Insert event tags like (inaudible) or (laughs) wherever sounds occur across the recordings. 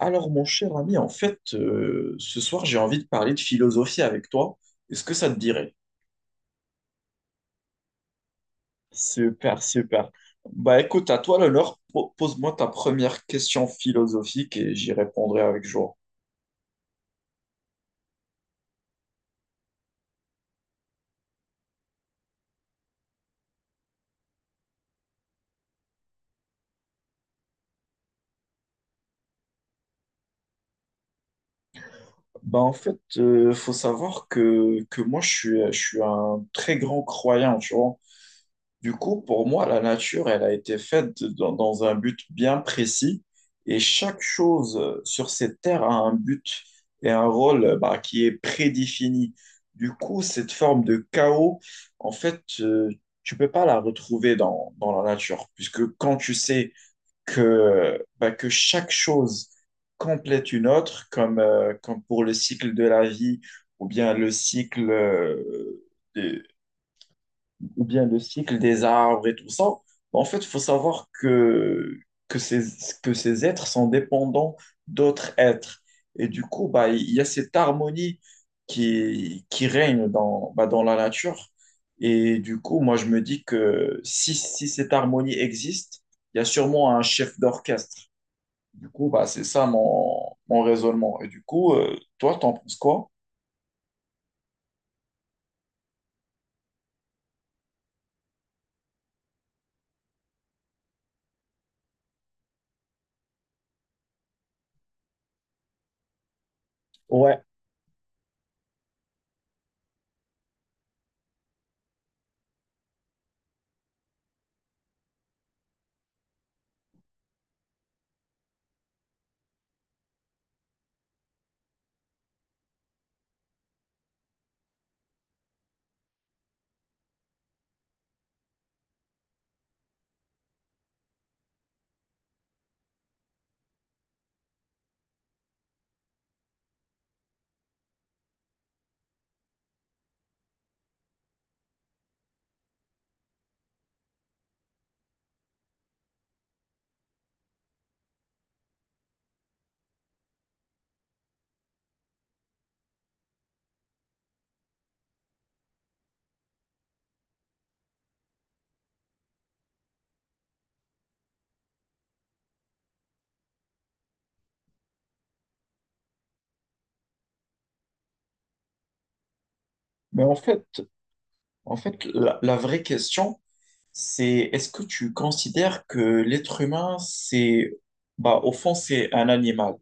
Alors, mon cher ami, ce soir, j'ai envie de parler de philosophie avec toi. Est-ce que ça te dirait? Super, super. Bah écoute, à toi l'honneur, pose-moi ta première question philosophique et j'y répondrai avec joie. Bah en fait, faut savoir que moi, je suis un très grand croyant, tu vois. Du coup, pour moi, la nature, elle a été faite dans un but bien précis, et chaque chose sur cette terre a un but et un rôle, bah, qui est prédéfini. Du coup, cette forme de chaos, en fait, tu peux pas la retrouver dans la nature, puisque quand tu sais que, bah, que chaque chose complète une autre, comme, comme pour le cycle de la vie ou bien le des- ou bien le cycle des arbres et tout ça, ben, en fait, il faut savoir que, ces, que ces êtres sont dépendants d'autres êtres. Et du coup, bah, il y a cette harmonie qui règne dans, bah, dans la nature. Et du coup, moi, je me dis que si cette harmonie existe, il y a sûrement un chef d'orchestre. Du coup, bah, c'est ça mon raisonnement. Et du coup, toi, t'en penses quoi? Ouais. Mais en fait la vraie question, c'est, est-ce que tu considères que l'être humain, c'est, bah, au fond, c'est un animal.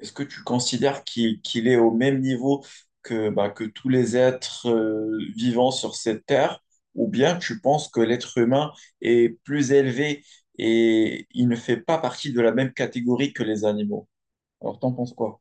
Est-ce que tu considères qu'il est au même niveau que tous les êtres vivants sur cette terre, ou bien tu penses que l'être humain est plus élevé et il ne fait pas partie de la même catégorie que les animaux? Alors, t'en penses quoi?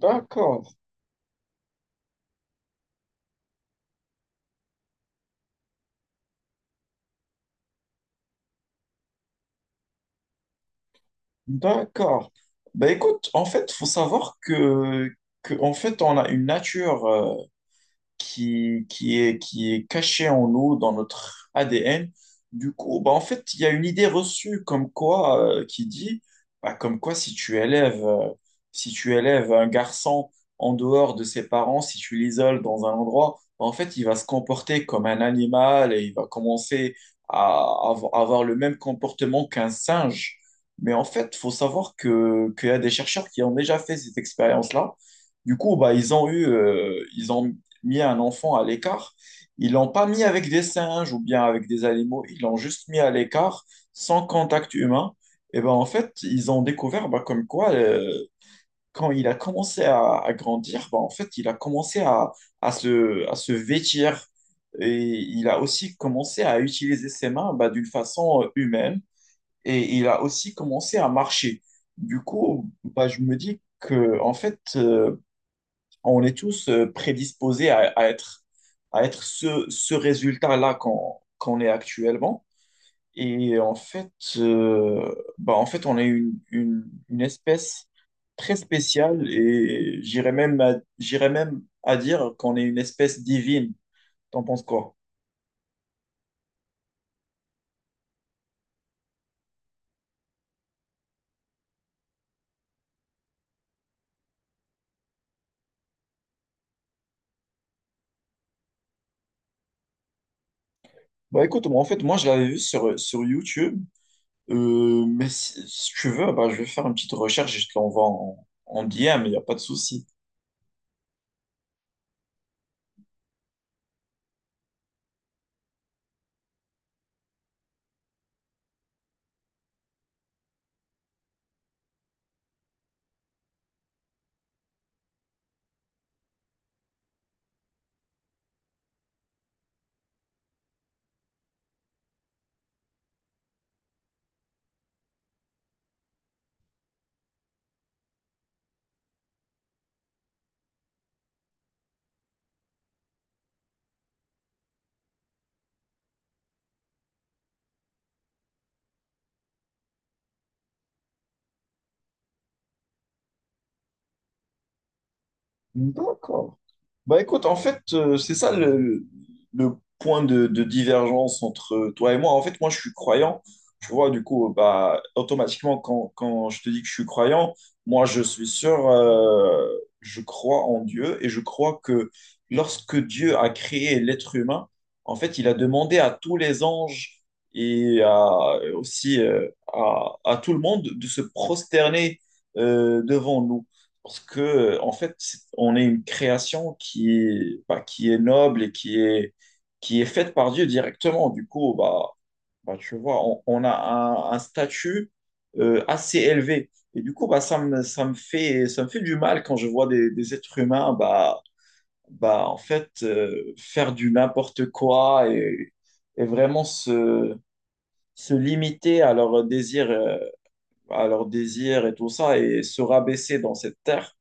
D'accord, d'accord. Bah écoute, en fait, faut savoir que en fait, on a une nature, qui est caché en nous, dans notre ADN. Du coup, bah, en fait, il y a une idée reçue comme quoi, qui dit, bah, comme quoi si tu élèves un garçon en dehors de ses parents, si tu l'isoles dans un endroit, bah, en fait, il va se comporter comme un animal et il va commencer à avoir le même comportement qu'un singe. Mais en fait, il faut savoir que, qu'il y a des chercheurs qui ont déjà fait cette expérience-là. Du coup, bah, ils ont mis un enfant à l'écart. Ils l'ont pas mis avec des singes ou bien avec des animaux, ils l'ont juste mis à l'écart, sans contact humain. Et ben en fait, ils ont découvert bah, comme quoi, quand il a commencé à grandir, bah, en fait, il a commencé à se vêtir. Et il a aussi commencé à utiliser ses mains bah, d'une façon humaine. Et il a aussi commencé à marcher. Du coup, bah, je me dis que, en fait, on est tous prédisposés à être ce résultat-là qu'on est actuellement. Et en fait, on est une espèce très spéciale et j'irais même à dire qu'on est une espèce divine. T'en penses quoi? Bah écoute, moi, en fait, moi, je l'avais vu sur YouTube. Mais si, si tu veux, bah, je vais faire une petite recherche et je te l'envoie en DM, il n'y a pas de souci. D'accord. Bah écoute, en fait, c'est ça le point de divergence entre toi et moi. En fait, moi, je suis croyant. Tu vois, du coup, bah, automatiquement, quand je te dis que je suis croyant, moi, je suis sûr, je crois en Dieu et je crois que lorsque Dieu a créé l'être humain, en fait, il a demandé à tous les anges et aussi à tout le monde de se prosterner devant nous. Parce que, en fait, c'est- on est une création qui est, bah, qui est noble et qui est faite par Dieu directement. Du coup, bah, bah, tu vois, on a un statut assez élevé. Et du coup, bah, ça me fait du mal quand je vois des êtres humains, bah, bah, en fait, faire du n'importe quoi et vraiment se limiter à leurs désirs et tout ça et se rabaisser dans cette terre.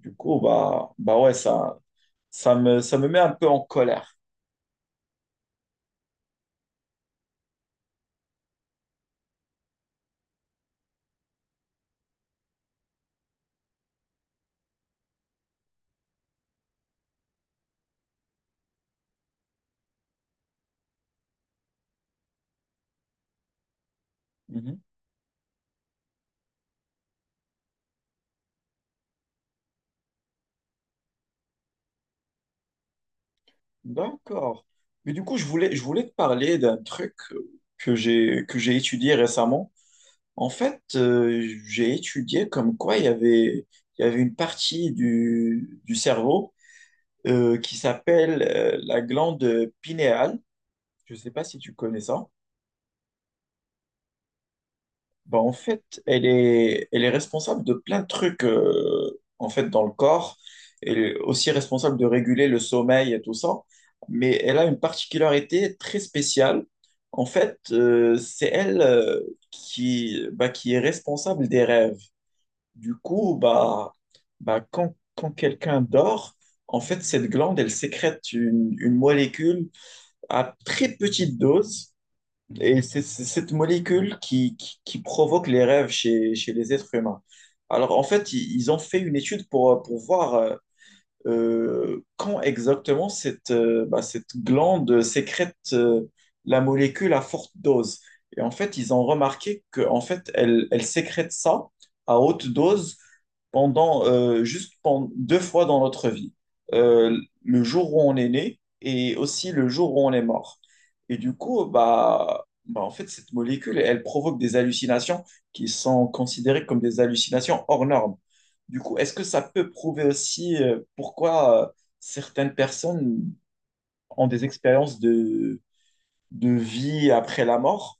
Du coup, bah, bah ouais, ça, ça me met un peu en colère. Mhm. D'accord. Mais du coup, je voulais te parler d'un truc que j'ai étudié récemment. En fait, j'ai étudié comme quoi il y avait une partie du cerveau qui s'appelle la glande pinéale. Je ne sais pas si tu connais ça. Bah, en fait, elle est responsable de plein de trucs en fait dans le corps. Elle est aussi responsable de réguler le sommeil et tout ça. Mais elle a une particularité très spéciale. En fait, c'est elle qui, bah, qui est responsable des rêves. Du coup, bah, bah, quand quelqu'un dort, en fait, cette glande, elle sécrète une molécule à très petite dose et c'est cette molécule qui provoque les rêves chez les êtres humains. Alors, en fait, ils ont fait une étude pour voir quand exactement cette, cette glande sécrète la molécule à forte dose. Et en fait, ils ont remarqué que en fait, elle, elle sécrète ça à haute dose pendant deux fois dans notre vie. Euh, le jour où on est né et aussi le jour où on est mort. Et du coup, bah, bah en fait, cette molécule, elle provoque des hallucinations qui sont considérées comme des hallucinations hors normes. Du coup, est-ce que ça peut prouver aussi pourquoi certaines personnes ont des expériences de vie après la mort?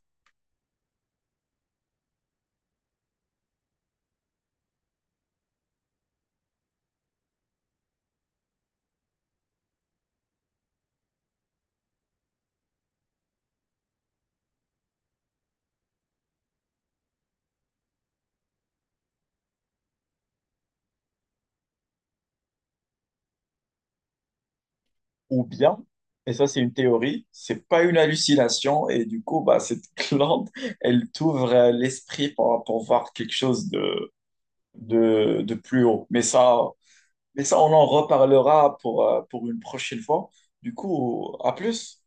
Ou bien, et ça c'est une théorie, c'est pas une hallucination et du coup bah cette (laughs) glande elle t'ouvre l'esprit pour voir quelque chose de plus haut. Mais ça on en reparlera pour une prochaine fois. Du coup, à plus.